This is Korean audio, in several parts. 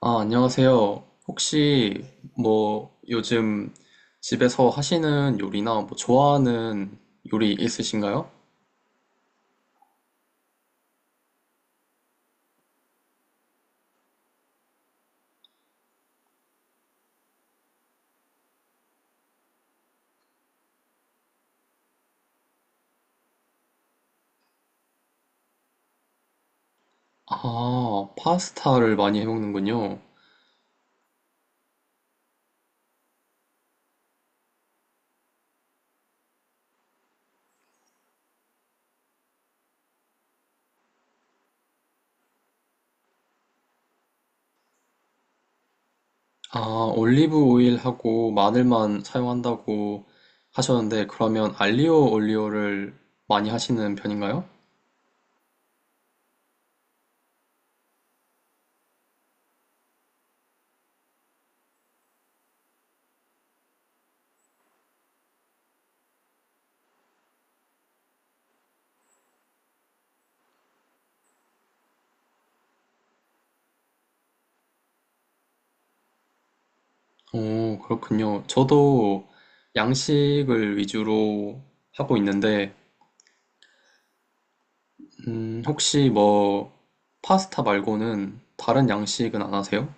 아, 안녕하세요. 혹시 뭐 요즘 집에서 하시는 요리나 뭐 좋아하는 요리 있으신가요? 아, 파스타를 많이 해먹는군요. 아, 올리브 오일하고 마늘만 사용한다고 하셨는데 그러면 알리오 올리오를 많이 하시는 편인가요? 오, 그렇군요. 저도 양식을 위주로 하고 있는데 혹시 뭐 파스타 말고는 다른 양식은 안 하세요?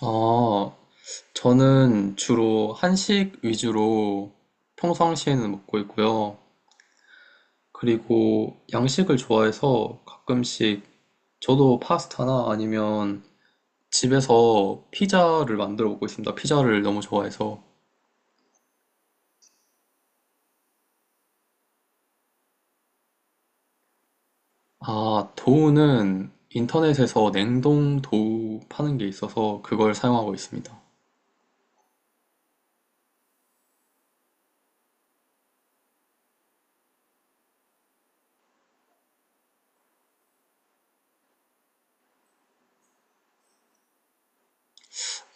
아, 저는 주로 한식 위주로 평상시에는 먹고 있고요. 그리고 양식을 좋아해서 가끔씩 저도 파스타나 아니면 집에서 피자를 만들어 먹고 있습니다. 피자를 너무 좋아해서. 아, 도우는 인터넷에서 냉동 도우 파는 게 있어서 그걸 사용하고 있습니다.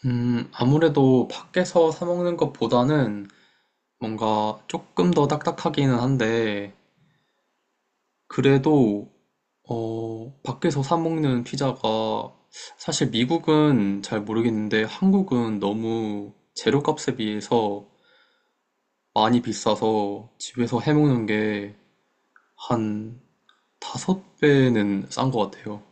아무래도 밖에서 사 먹는 것보다는 뭔가 조금 더 딱딱하기는 한데, 그래도, 밖에서 사 먹는 피자가 사실 미국은 잘 모르겠는데 한국은 너무 재료값에 비해서 많이 비싸서 집에서 해 먹는 게 한 다섯 배는 싼 것 같아요.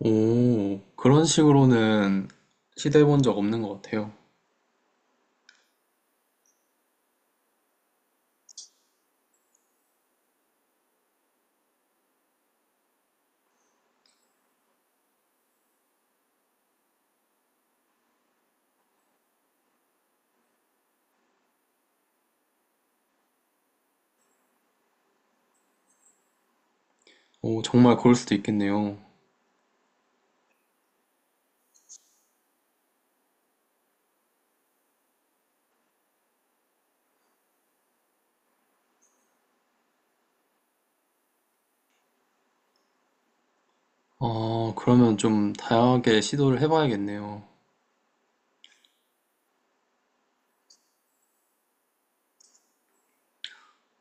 오, 그런 식으로는 시도해 본 적 없는 것 같아요. 오, 정말 그럴 수도 있겠네요. 그러면 좀 다양하게 시도를 해봐야겠네요.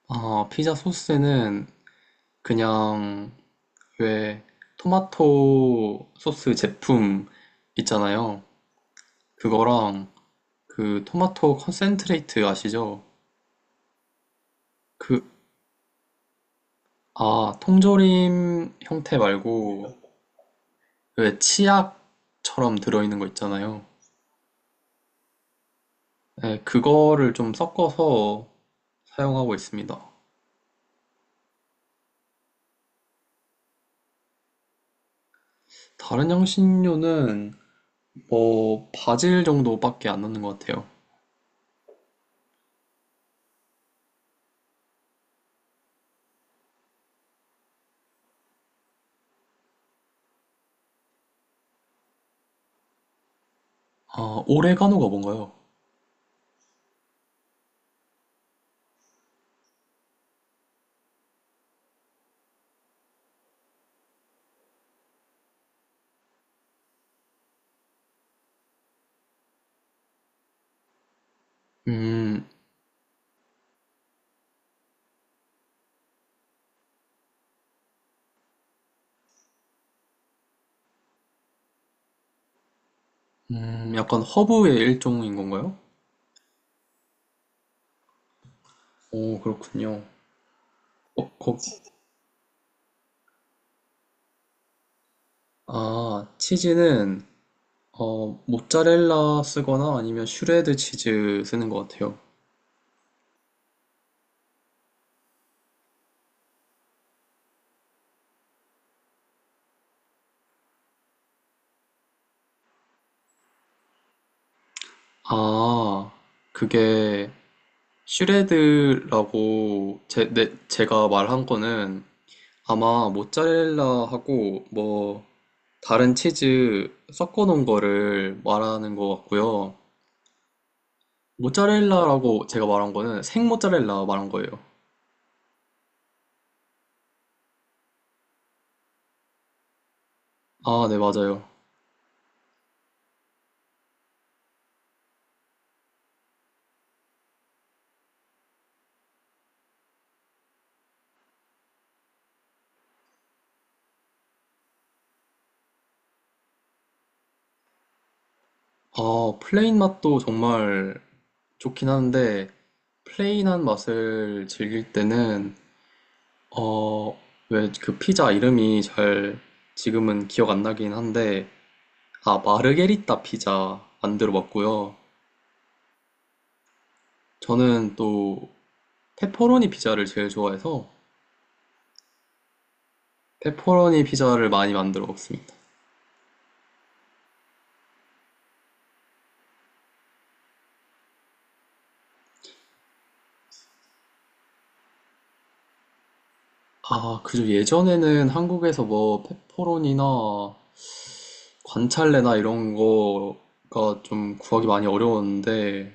아, 피자 소스에는 그냥 왜 토마토 소스 제품 있잖아요. 그거랑 그 토마토 컨센트레이트 아시죠? 그, 아, 통조림 형태 말고 왜 치약처럼 들어있는 거 있잖아요. 네, 그거를 좀 섞어서 사용하고 있습니다. 다른 향신료는 뭐 바질 정도밖에 안 넣는 것 같아요. 아, 오레가노가 뭔가요? 음, 약간 허브의 일종인 건가요? 오, 그렇군요. 어, 거, 치- 아, 치즈는, 모짜렐라 쓰거나 아니면 슈레드 치즈 쓰는 것 같아요. 아, 그게 슈레드라고 네, 제가 말한 거는 아마 모짜렐라하고 뭐 다른 치즈 섞어 놓은 거를 말하는 것 같고요. 모짜렐라라고 제가 말한 거는 생 모짜렐라 말한 거예요. 아, 네, 맞아요. 아, 플레인 맛도 정말 좋긴 한데, 플레인한 맛을 즐길 때는, 어, 왜 그 피자 이름이 잘 지금은 기억 안 나긴 한데, 아, 마르게리따 피자 안 들어봤고요. 저는 또 페퍼로니 피자를 제일 좋아해서, 페퍼로니 피자를 많이 만들어 먹습니다. 아, 그죠. 예전에는 한국에서 뭐 페퍼로니나 관찰래나 이런 거가 좀 구하기 많이 어려웠는데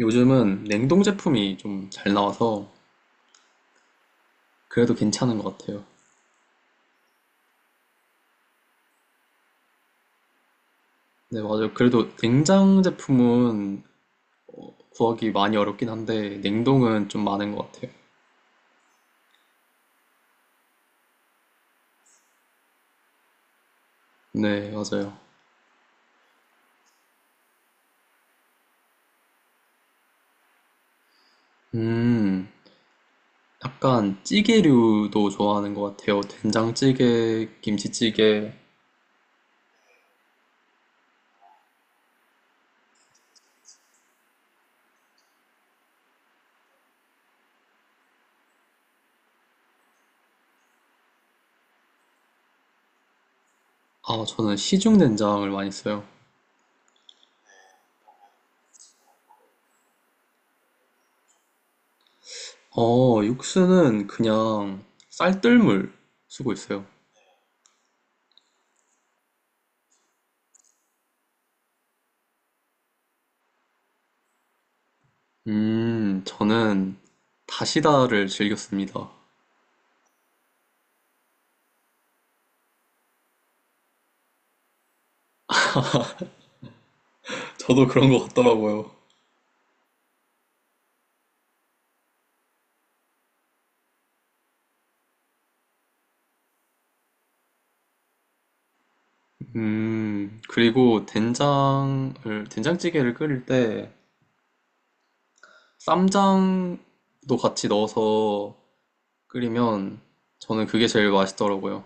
요즘은 냉동 제품이 좀 잘 나와서 그래도 괜찮은 것 같아요. 네, 맞아요. 그래도 냉장 제품은 구하기 많이 어렵긴 한데 냉동은 좀 많은 것 같아요. 네, 맞아요. 음, 약간 찌개류도 좋아하는 것 같아요. 된장찌개, 김치찌개. 아, 저는 시중 된장을 많이 써요. 육수는 그냥 쌀뜨물 쓰고 있어요. 저는 다시다를 즐겼습니다. 저도 그런 것 같더라고요. 그리고 된장을, 된장찌개를 끓일 때 쌈장도 같이 넣어서 끓이면 저는 그게 제일 맛있더라고요.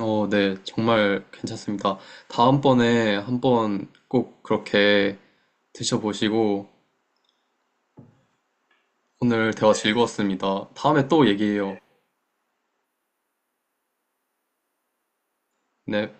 네, 정말 괜찮습니다. 다음번에 한번 꼭 그렇게 드셔보시고 오늘 대화 즐거웠습니다. 다음에 또 얘기해요. 네.